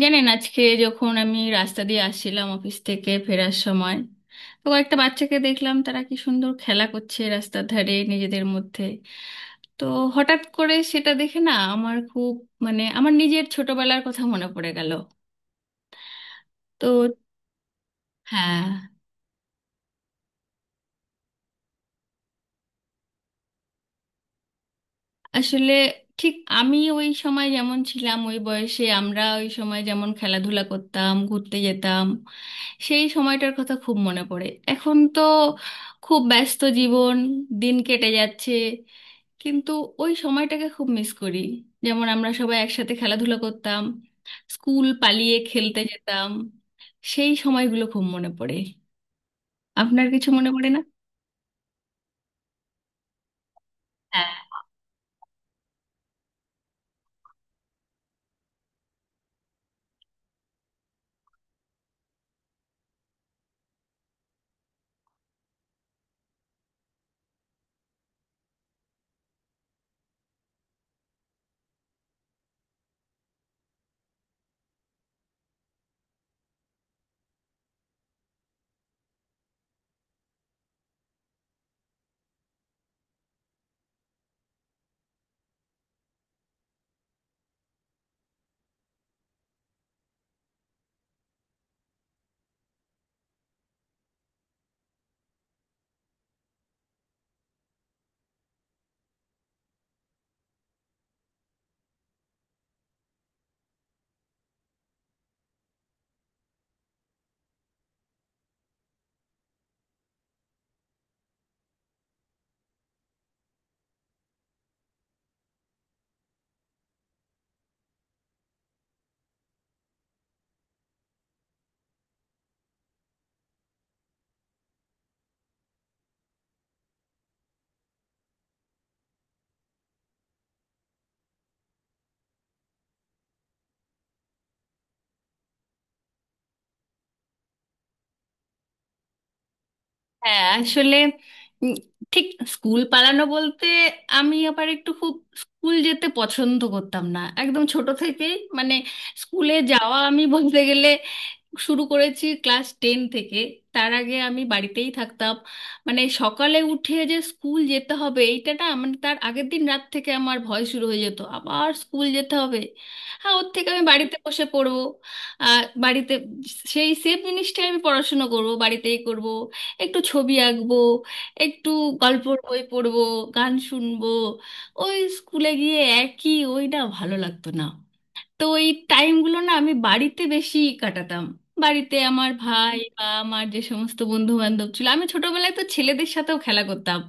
জানেন, আজকে যখন আমি রাস্তা দিয়ে আসছিলাম অফিস থেকে ফেরার সময়, কয়েকটা বাচ্চাকে দেখলাম, তারা কি সুন্দর খেলা করছে রাস্তার ধারে নিজেদের মধ্যে। তো হঠাৎ করে সেটা দেখে না আমার খুব, মানে আমার নিজের ছোটবেলার কথা মনে পড়ে গেল। তো হ্যাঁ আসলে ঠিক আমি ওই সময় যেমন ছিলাম ওই বয়সে আমরা ওই সময় যেমন খেলাধুলা করতাম ঘুরতে যেতাম সেই সময়টার কথা খুব মনে পড়ে এখন তো খুব ব্যস্ত জীবন দিন কেটে যাচ্ছে কিন্তু ওই সময়টাকে খুব মিস করি যেমন আমরা সবাই একসাথে খেলাধুলা করতাম স্কুল পালিয়ে খেলতে যেতাম সেই সময়গুলো খুব মনে পড়ে আপনার কিছু মনে পড়ে না হ্যাঁ হ্যাঁ, আসলে উম, ঠিক স্কুল পালানো বলতে, আমি আবার একটু খুব স্কুল যেতে পছন্দ করতাম না একদম ছোট থেকেই। মানে স্কুলে যাওয়া আমি বলতে গেলে শুরু করেছি ক্লাস টেন থেকে। তার আগে আমি বাড়িতেই থাকতাম। মানে সকালে উঠে যে স্কুল যেতে হবে এইটা না, মানে তার আগের দিন রাত থেকে আমার ভয় শুরু হয়ে যেত আবার স্কুল যেতে হবে। হ্যাঁ, ওর থেকে আমি বাড়িতে বসে পড়বো। আর বাড়িতে সেই সেম জিনিসটাই, আমি পড়াশুনো করব বাড়িতেই করব, একটু ছবি আঁকবো, একটু গল্পর বই পড়বো, গান শুনবো। ওই স্কুলে গিয়ে একই ওই না, ভালো লাগতো না। তো এই টাইমগুলো না আমি বাড়িতে বেশি কাটাতাম। বাড়িতে আমার ভাই বা আমার যে সমস্ত বন্ধু বান্ধব ছিল, আমি ছোটবেলায় তো ছেলেদের সাথেও খেলা করতাম।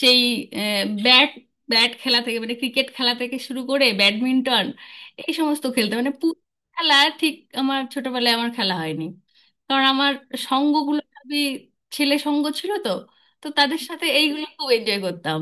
সেই ব্যাট ব্যাট খেলা থেকে, মানে ক্রিকেট খেলা থেকে শুরু করে ব্যাডমিন্টন, এই সমস্ত খেলতাম। মানে পুরো খেলা ঠিক আমার ছোটবেলায় আমার খেলা হয়নি, কারণ আমার সঙ্গগুলো সবই ছেলে সঙ্গ ছিল তো। তো তাদের সাথে এইগুলো খুব এনজয় করতাম।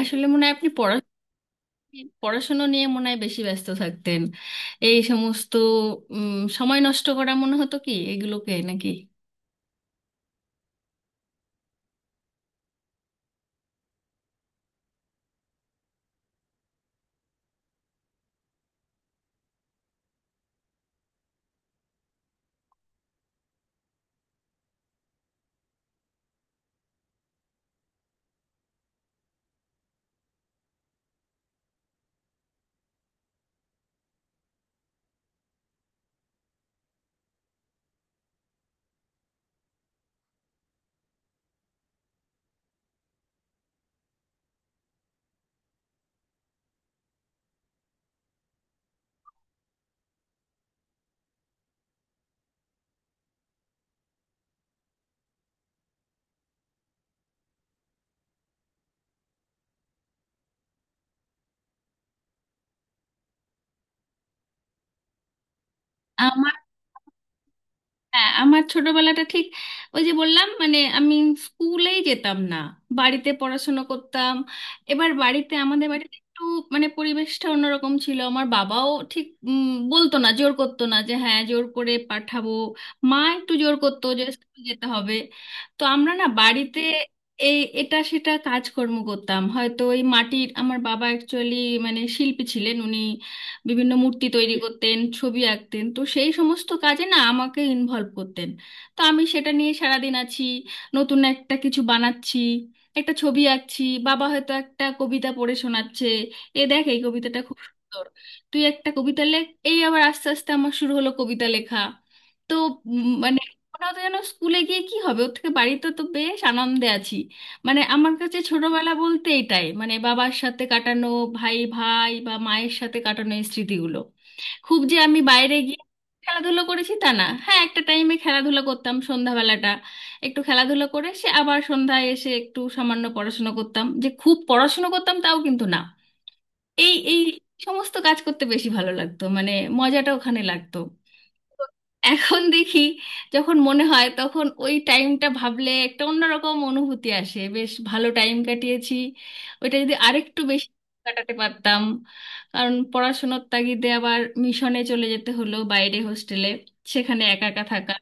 আসলে মনে হয় আপনি পড়াশোনা নিয়ে মনে হয় বেশি ব্যস্ত থাকতেন। এই সমস্ত সময় নষ্ট করা মনে হতো কি এগুলোকে নাকি? আমার, হ্যাঁ, আমার ছোটবেলাটা ঠিক ওই যে বললাম, মানে আমি স্কুলেই যেতাম না, বাড়িতে পড়াশোনা করতাম। এবার বাড়িতে, আমাদের বাড়িতে একটু মানে পরিবেশটা অন্যরকম ছিল। আমার বাবাও ঠিক বলতো না, জোর করতো না যে হ্যাঁ জোর করে পাঠাবো। মা একটু জোর করতো যে স্কুল যেতে হবে। তো আমরা না বাড়িতে এই এটা সেটা কাজকর্ম করতাম। হয়তো ওই মাটির, আমার বাবা অ্যাকচুয়ালি মানে শিল্পী ছিলেন উনি, বিভিন্ন মূর্তি তৈরি করতেন, ছবি আঁকতেন, তো সেই সমস্ত কাজে না আমাকে ইনভলভ করতেন। তো আমি সেটা নিয়ে সারাদিন আছি, নতুন একটা কিছু বানাচ্ছি, একটা ছবি আঁকছি, বাবা হয়তো একটা কবিতা পড়ে শোনাচ্ছে, এ দেখ এই কবিতাটা খুব সুন্দর, তুই একটা কবিতা লেখ। এই আবার আস্তে আস্তে আমার শুরু হলো কবিতা লেখা। তো মানে মনে হতো যেন স্কুলে গিয়ে কি হবে, ওর থেকে বাড়িতে তো বেশ আনন্দে আছি। মানে আমার কাছে ছোটবেলা বলতে এটাই, মানে বাবার সাথে কাটানো, ভাই ভাই বা মায়ের সাথে কাটানো এই স্মৃতিগুলো। খুব যে আমি বাইরে গিয়ে খেলাধুলো করেছি তা না, হ্যাঁ একটা টাইমে খেলাধুলা করতাম সন্ধ্যাবেলাটা, একটু খেলাধুলো করে সে আবার সন্ধ্যায় এসে একটু সামান্য পড়াশোনা করতাম, যে খুব পড়াশোনা করতাম তাও কিন্তু না। এই এই সমস্ত কাজ করতে বেশি ভালো লাগতো, মানে মজাটা ওখানে লাগতো। এখন দেখি, যখন মনে হয় তখন ওই টাইমটা ভাবলে একটা অন্যরকম অনুভূতি আসে, বেশ ভালো টাইম কাটিয়েছি। ওইটা যদি আরেকটু বেশি কাটাতে পারতাম। কারণ পড়াশোনার তাগিদে আবার মিশনে চলে যেতে হলো বাইরে হোস্টেলে, সেখানে একা একা থাকা।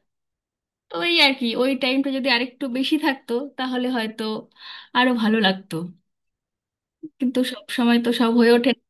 তো এই আর কি, ওই টাইমটা যদি আরেকটু বেশি থাকতো তাহলে হয়তো আরো ভালো লাগতো। কিন্তু সব সময় তো সব হয়ে ওঠে না।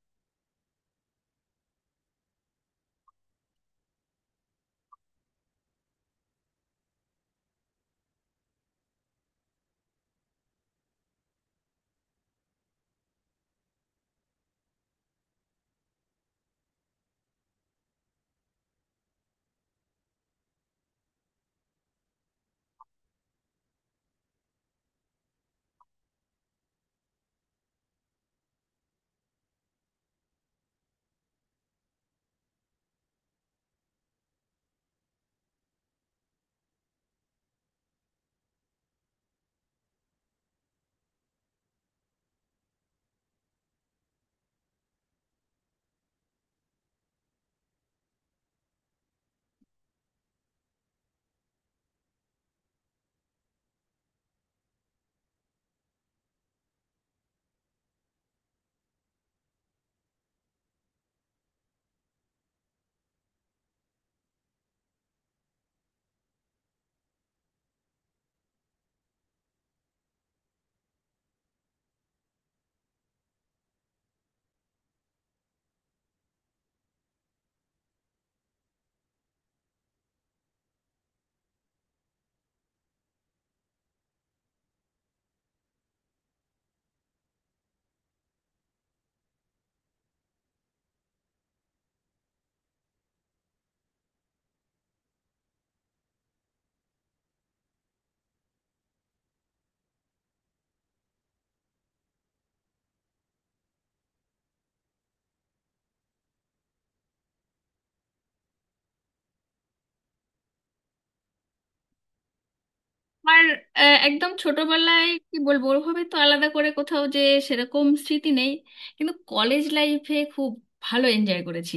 আমার, একদম ছোটবেলায় কি বলবো, ওভাবে তো আলাদা করে কোথাও যে সেরকম স্মৃতি নেই। কিন্তু কলেজ লাইফে খুব ভালো এনজয় করেছি।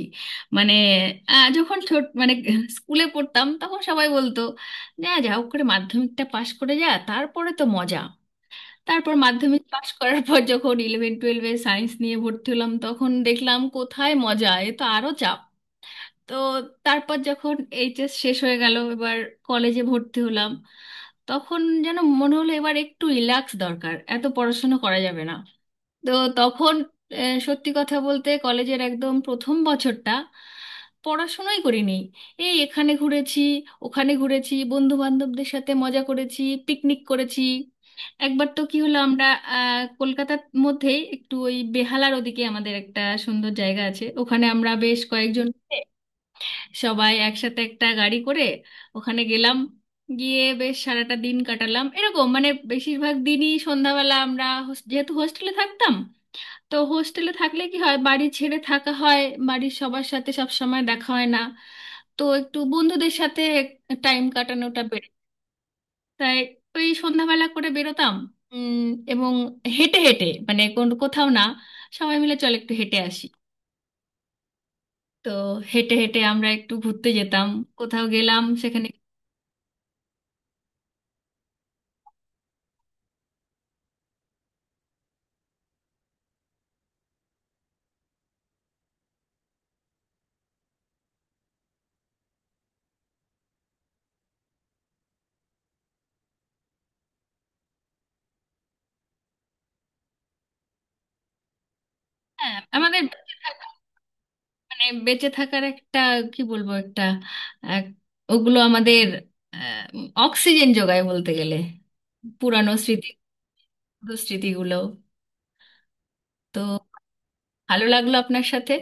মানে যখন ছোট, মানে স্কুলে পড়তাম, তখন সবাই বলতো যা যা হোক করে মাধ্যমিকটা পাশ করে যা, তারপরে তো মজা। তারপর মাধ্যমিক পাশ করার পর যখন ইলেভেন টুয়েলভে সায়েন্স নিয়ে ভর্তি হলাম, তখন দেখলাম কোথায় মজা, এ তো আরো। তো তারপর যখন এইচএস শেষ হয়ে গেল, এবার কলেজে ভর্তি হলাম, তখন যেন মনে হলো এবার একটু রিল্যাক্স দরকার, এত পড়াশোনা করা যাবে না। তো তখন সত্যি কথা বলতে কলেজের একদম প্রথম বছরটা পড়াশোনাই করিনি। এই এখানে ঘুরেছি, ওখানে ঘুরেছি, বন্ধু বান্ধবদের সাথে মজা করেছি, পিকনিক করেছি। একবার তো কি হলো, আমরা কলকাতার মধ্যেই একটু ওই বেহালার ওদিকে আমাদের একটা সুন্দর জায়গা আছে, ওখানে আমরা বেশ কয়েকজন সবাই একসাথে একটা গাড়ি করে ওখানে গেলাম। গিয়ে বেশ সারাটা দিন কাটালাম। এরকম মানে বেশিরভাগ দিনই সন্ধ্যাবেলা আমরা যেহেতু হোস্টেলে থাকতাম, তো হোস্টেলে থাকলে কি হয়, বাড়ি ছেড়ে থাকা হয়, বাড়ির সবার সাথে সব সময় দেখা হয় না। তো একটু বন্ধুদের সাথে টাইম কাটানোটা বেড়ে, তাই ওই সন্ধ্যাবেলা করে বেরোতাম। উম, এবং হেঁটে হেঁটে, মানে কোন কোথাও না, সবাই মিলে চল একটু হেঁটে আসি। তো হেঁটে হেঁটে আমরা একটু ঘুরতে যেতাম, কোথাও গেলাম সেখানে। হ্যাঁ, আমাদের বেঁচে থাকা, মানে বেঁচে থাকার একটা, কি বলবো, একটা এক- ওগুলো আমাদের আহ, অক্সিজেন যোগায় বলতে গেলে, পুরানো স্মৃতি, পুরো স্মৃতিগুলো। তো ভালো লাগলো আপনার সাথে।